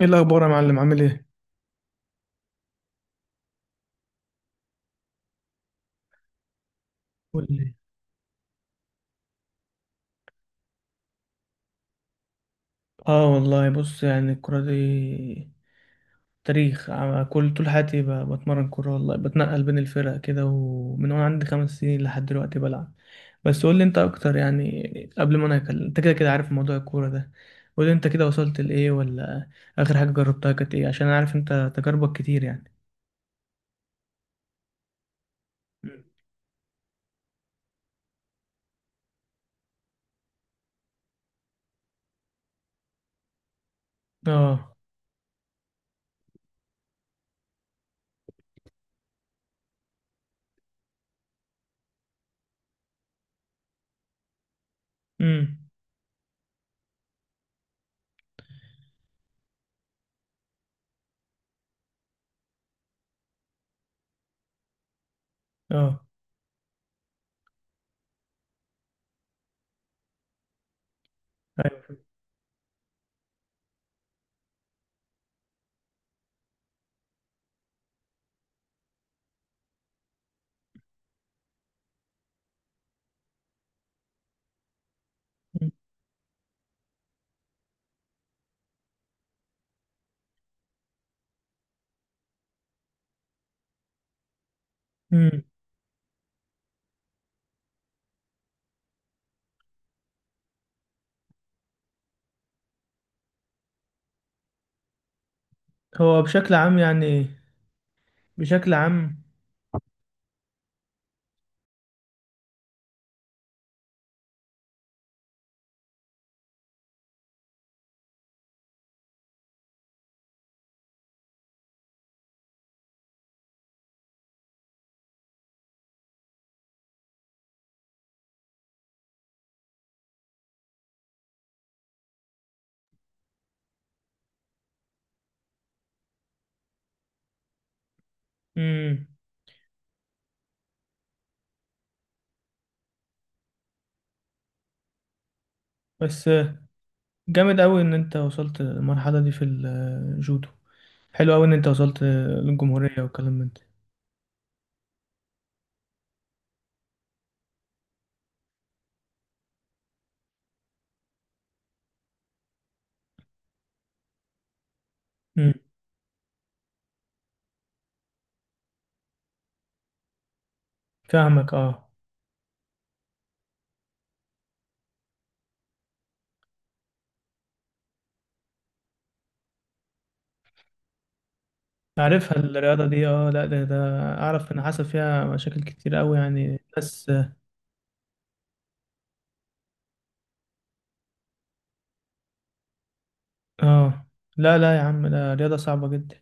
ايه الاخبار يا معلم؟ عامل ايه؟ قول لي. اه والله بص، يعني الكره دي تاريخ كل طول حياتي بتمرن كوره والله، بتنقل بين الفرق كده، ومن وانا عندي خمس سنين لحد دلوقتي بلعب. بس قول لي انت اكتر يعني، قبل ما انا انت كده كده عارف موضوع الكوره ده. قول لي انت كده وصلت لايه، ولا اخر حاجه جربتها كانت ايه؟ عشان انا عارف انت تجاربك كتير يعني. مم. اه. امم. اه. أيوة. مم. هو بشكل عام يعني، بشكل عام. امم. بس جامد قوي ان انت وصلت المرحله دي في الجودو، حلو قوي ان انت وصلت للجمهوريه والكلام من ده. امم. فاهمك، اه. عارفها الرياضه دي، اه. لا ده ده اعرف ان حصل فيها مشاكل كتير قوي يعني، بس اه. لا لا يا عم، ده رياضه صعبه جدا.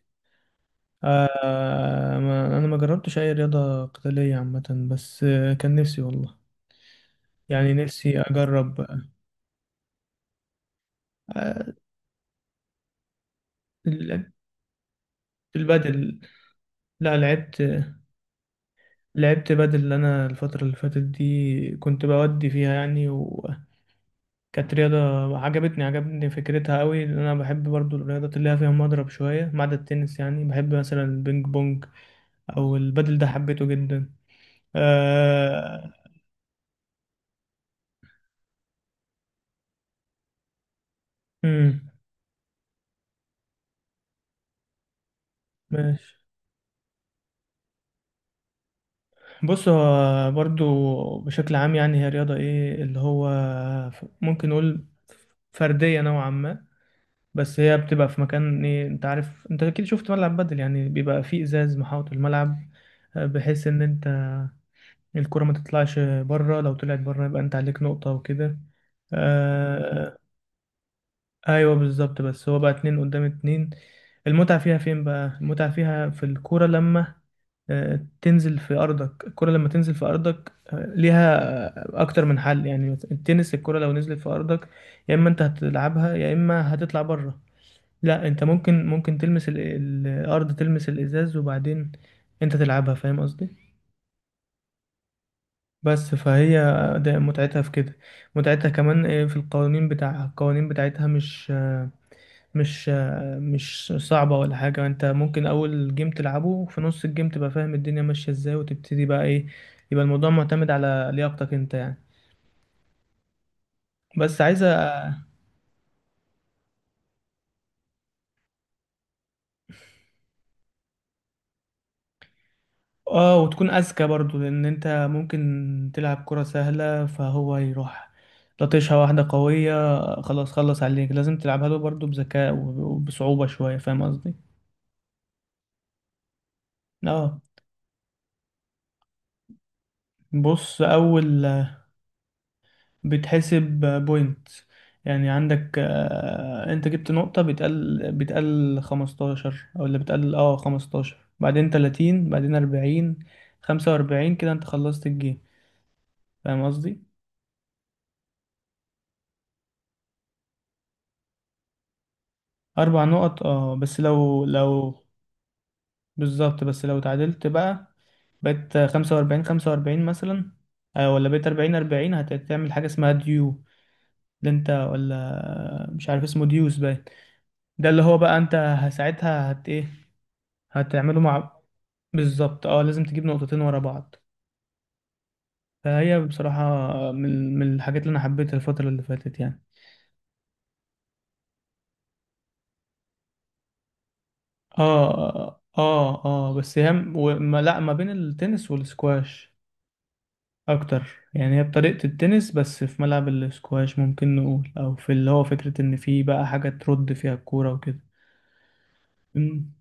آه. ما انا ما جربتش اي رياضه قتاليه عامه، بس كان نفسي والله، يعني نفسي اجرب. آه، ال- البادل. لا لعبت. لعبت بدل، اللي انا الفترة اللي فاتت دي كنت بودي فيها يعني، وكانت رياضة عجبتني. عجبتني فكرتها قوي، لان انا بحب برضو الرياضات اللي هي فيها مضرب شوية، ما عدا التنس. يعني بحب مثلا البينج بونج او البدل ده، حبيته جدا. آه... امم. ماشي. بص، هو برضو بشكل عام يعني، هي رياضة ايه اللي هو ممكن نقول فردية نوعا ما، بس هي بتبقى في مكان ايه؟ انت عارف، انت اكيد شفت ملعب بدل. يعني بيبقى فيه ازاز محاوط الملعب، بحيث ان انت الكرة ما تطلعش بره. لو طلعت بره يبقى انت عليك نقطة وكده. آه. ايوه بالظبط. بس هو بقى اتنين قدام اتنين. المتعة فيها فين بقى؟ المتعة فيها في الكرة، لما تنزل في ارضك. الكرة لما تنزل في ارضك ليها اكتر من حل، يعني التنس الكرة لو نزلت في ارضك يا اما انت هتلعبها يا اما هتطلع بره. لا، انت ممكن تلمس الارض، تلمس الازاز، وبعدين انت تلعبها، فاهم قصدي؟ بس فهي ده متعتها في كده. متعتها كمان في القوانين بتاعها. القوانين بتاعتها مش مش صعبة ولا حاجة، انت ممكن اول جيم تلعبه، وفي نص الجيم تبقى فاهم الدنيا ماشية ازاي، وتبتدي بقى ايه. يبقى الموضوع معتمد على لياقتك انت يعني. بس عايزة. اه، وتكون اذكى برضو، لان انت ممكن تلعب كرة سهلة فهو يروح لطشها واحدة قوية، خلاص خلص عليك. لازم تلعبها له برضو بذكاء وبصعوبة شوية، فاهم قصدي؟ اه. بص، اول بتحسب بوينت، يعني عندك انت جبت نقطة بتقل، 15، او اللي بتقل اه 15، بعدين 30، بعدين 40، 45، كده انت خلصت الجيم، فاهم قصدي؟ اربع نقط، اه. بس لو لو بالظبط. بس لو تعادلت بقى، بقيت خمسة وأربعين خمسة وأربعين مثلا، ولا بقيت أربعين أربعين، هتعمل حاجة اسمها ديو. ده أنت ولا مش عارف اسمه ديوز باين. ده اللي هو بقى أنت ساعتها هت إيه، هتعمله مع. بالظبط، أه. لازم تجيب نقطتين ورا بعض. فهي بصراحة من الحاجات اللي أنا حبيتها الفترة اللي فاتت يعني. اه اه اه، بس هي م- وما لا ما بين التنس والسكواش اكتر، يعني هي بطريقة التنس، بس في ملعب الاسكواش ممكن نقول، او في اللي هو فكرة ان في بقى حاجة ترد فيها الكورة وكده. أمم.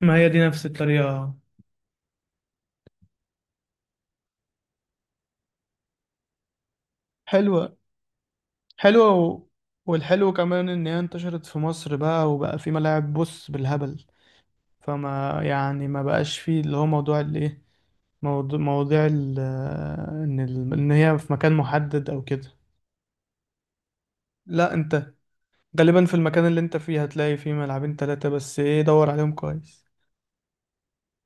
ما هي دي نفس الطريقة. حلوة. حلوة و... والحلو كمان ان هي انتشرت في مصر بقى، وبقى في ملاعب بص بالهبل، فما يعني ما بقاش فيه اللي هو موضوع الايه، موضوع مواضيع ال... آه، ان ان هي في مكان محدد او كده. لا، انت غالبا في المكان اللي انت فيه هتلاقي فيه ملعبين ثلاثة، بس ايه دور عليهم كويس.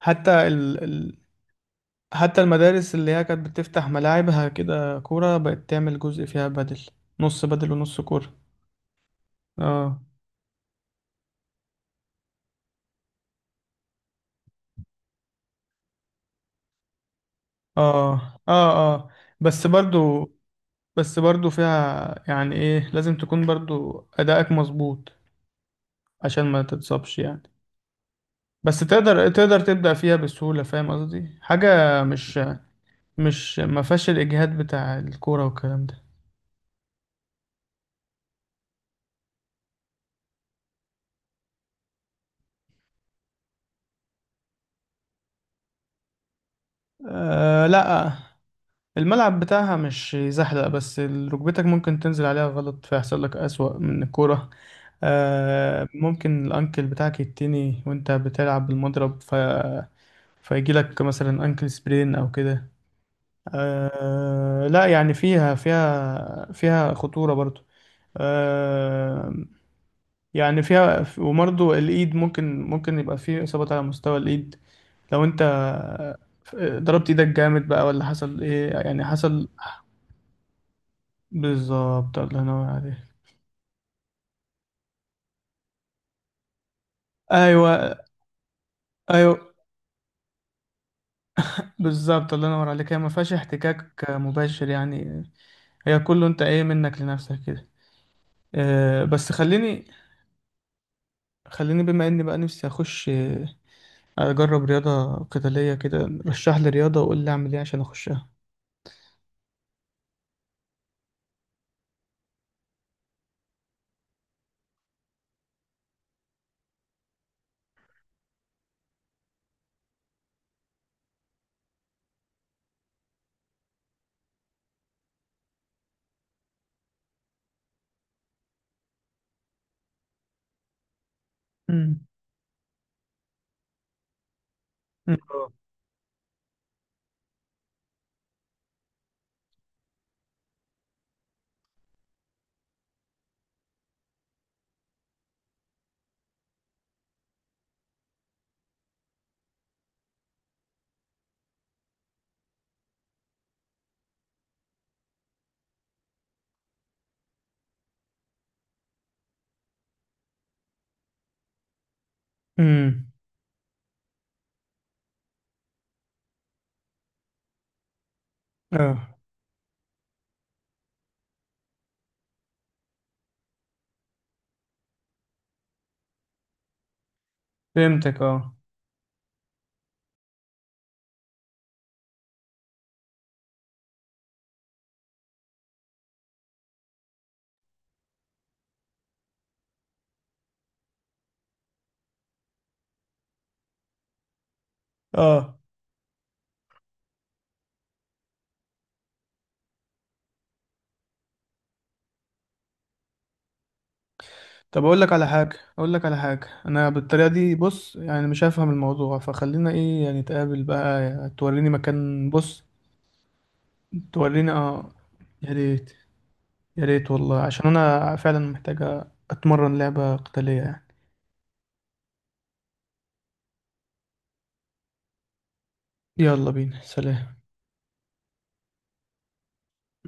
حتى حتى المدارس اللي هي كانت بتفتح ملاعبها كده كورة، بقت تعمل جزء فيها بدل، نص بدل ونص كورة. اه اه اه اه. بس برضو، فيها يعني ايه، لازم تكون برضو أدائك مظبوط عشان ما تتصابش يعني. بس تقدر، تبدأ فيها بسهولة، فاهم قصدي؟ حاجة مش ما فيهاش الإجهاد بتاع الكورة والكلام ده. آه لا، الملعب بتاعها مش زحلق، بس ركبتك ممكن تنزل عليها غلط فيحصل لك أسوأ من الكورة. آه، ممكن الأنكل بتاعك يتني وأنت بتلعب بالمضرب ف... فيجي لك مثلا أنكل سبرين أو كده. آه لا، يعني فيها فيها فيها خطورة برضو. آه، يعني فيها، وبرضو الإيد ممكن يبقى فيه إصابات على مستوى الإيد. لو أنت ضربت ايدك جامد بقى، ولا حصل ايه يعني حصل. بالظبط، الله ينور عليك. ايوه ايوه. بالظبط، الله ينور عليك. هي ما فيهاش احتكاك مباشر يعني، هي كله انت ايه منك لنفسك كده. بس خليني، خليني بما اني بقى نفسي اخش اجرب رياضة قتالية كده. رشح لي رياضة وقول لي اعمل ايه عشان اخشها. امم. امم. اه. فهمتك، اه اه. طب اقول لك على حاجة، انا بالطريقة دي بص يعني مش هفهم الموضوع، فخلينا ايه يعني نتقابل بقى، توريني مكان بص. تورينا، اه. يا ريت، يا ريت والله، عشان انا فعلا محتاجة اتمرن لعبة قتالية يعني. يلا بينا، سلام.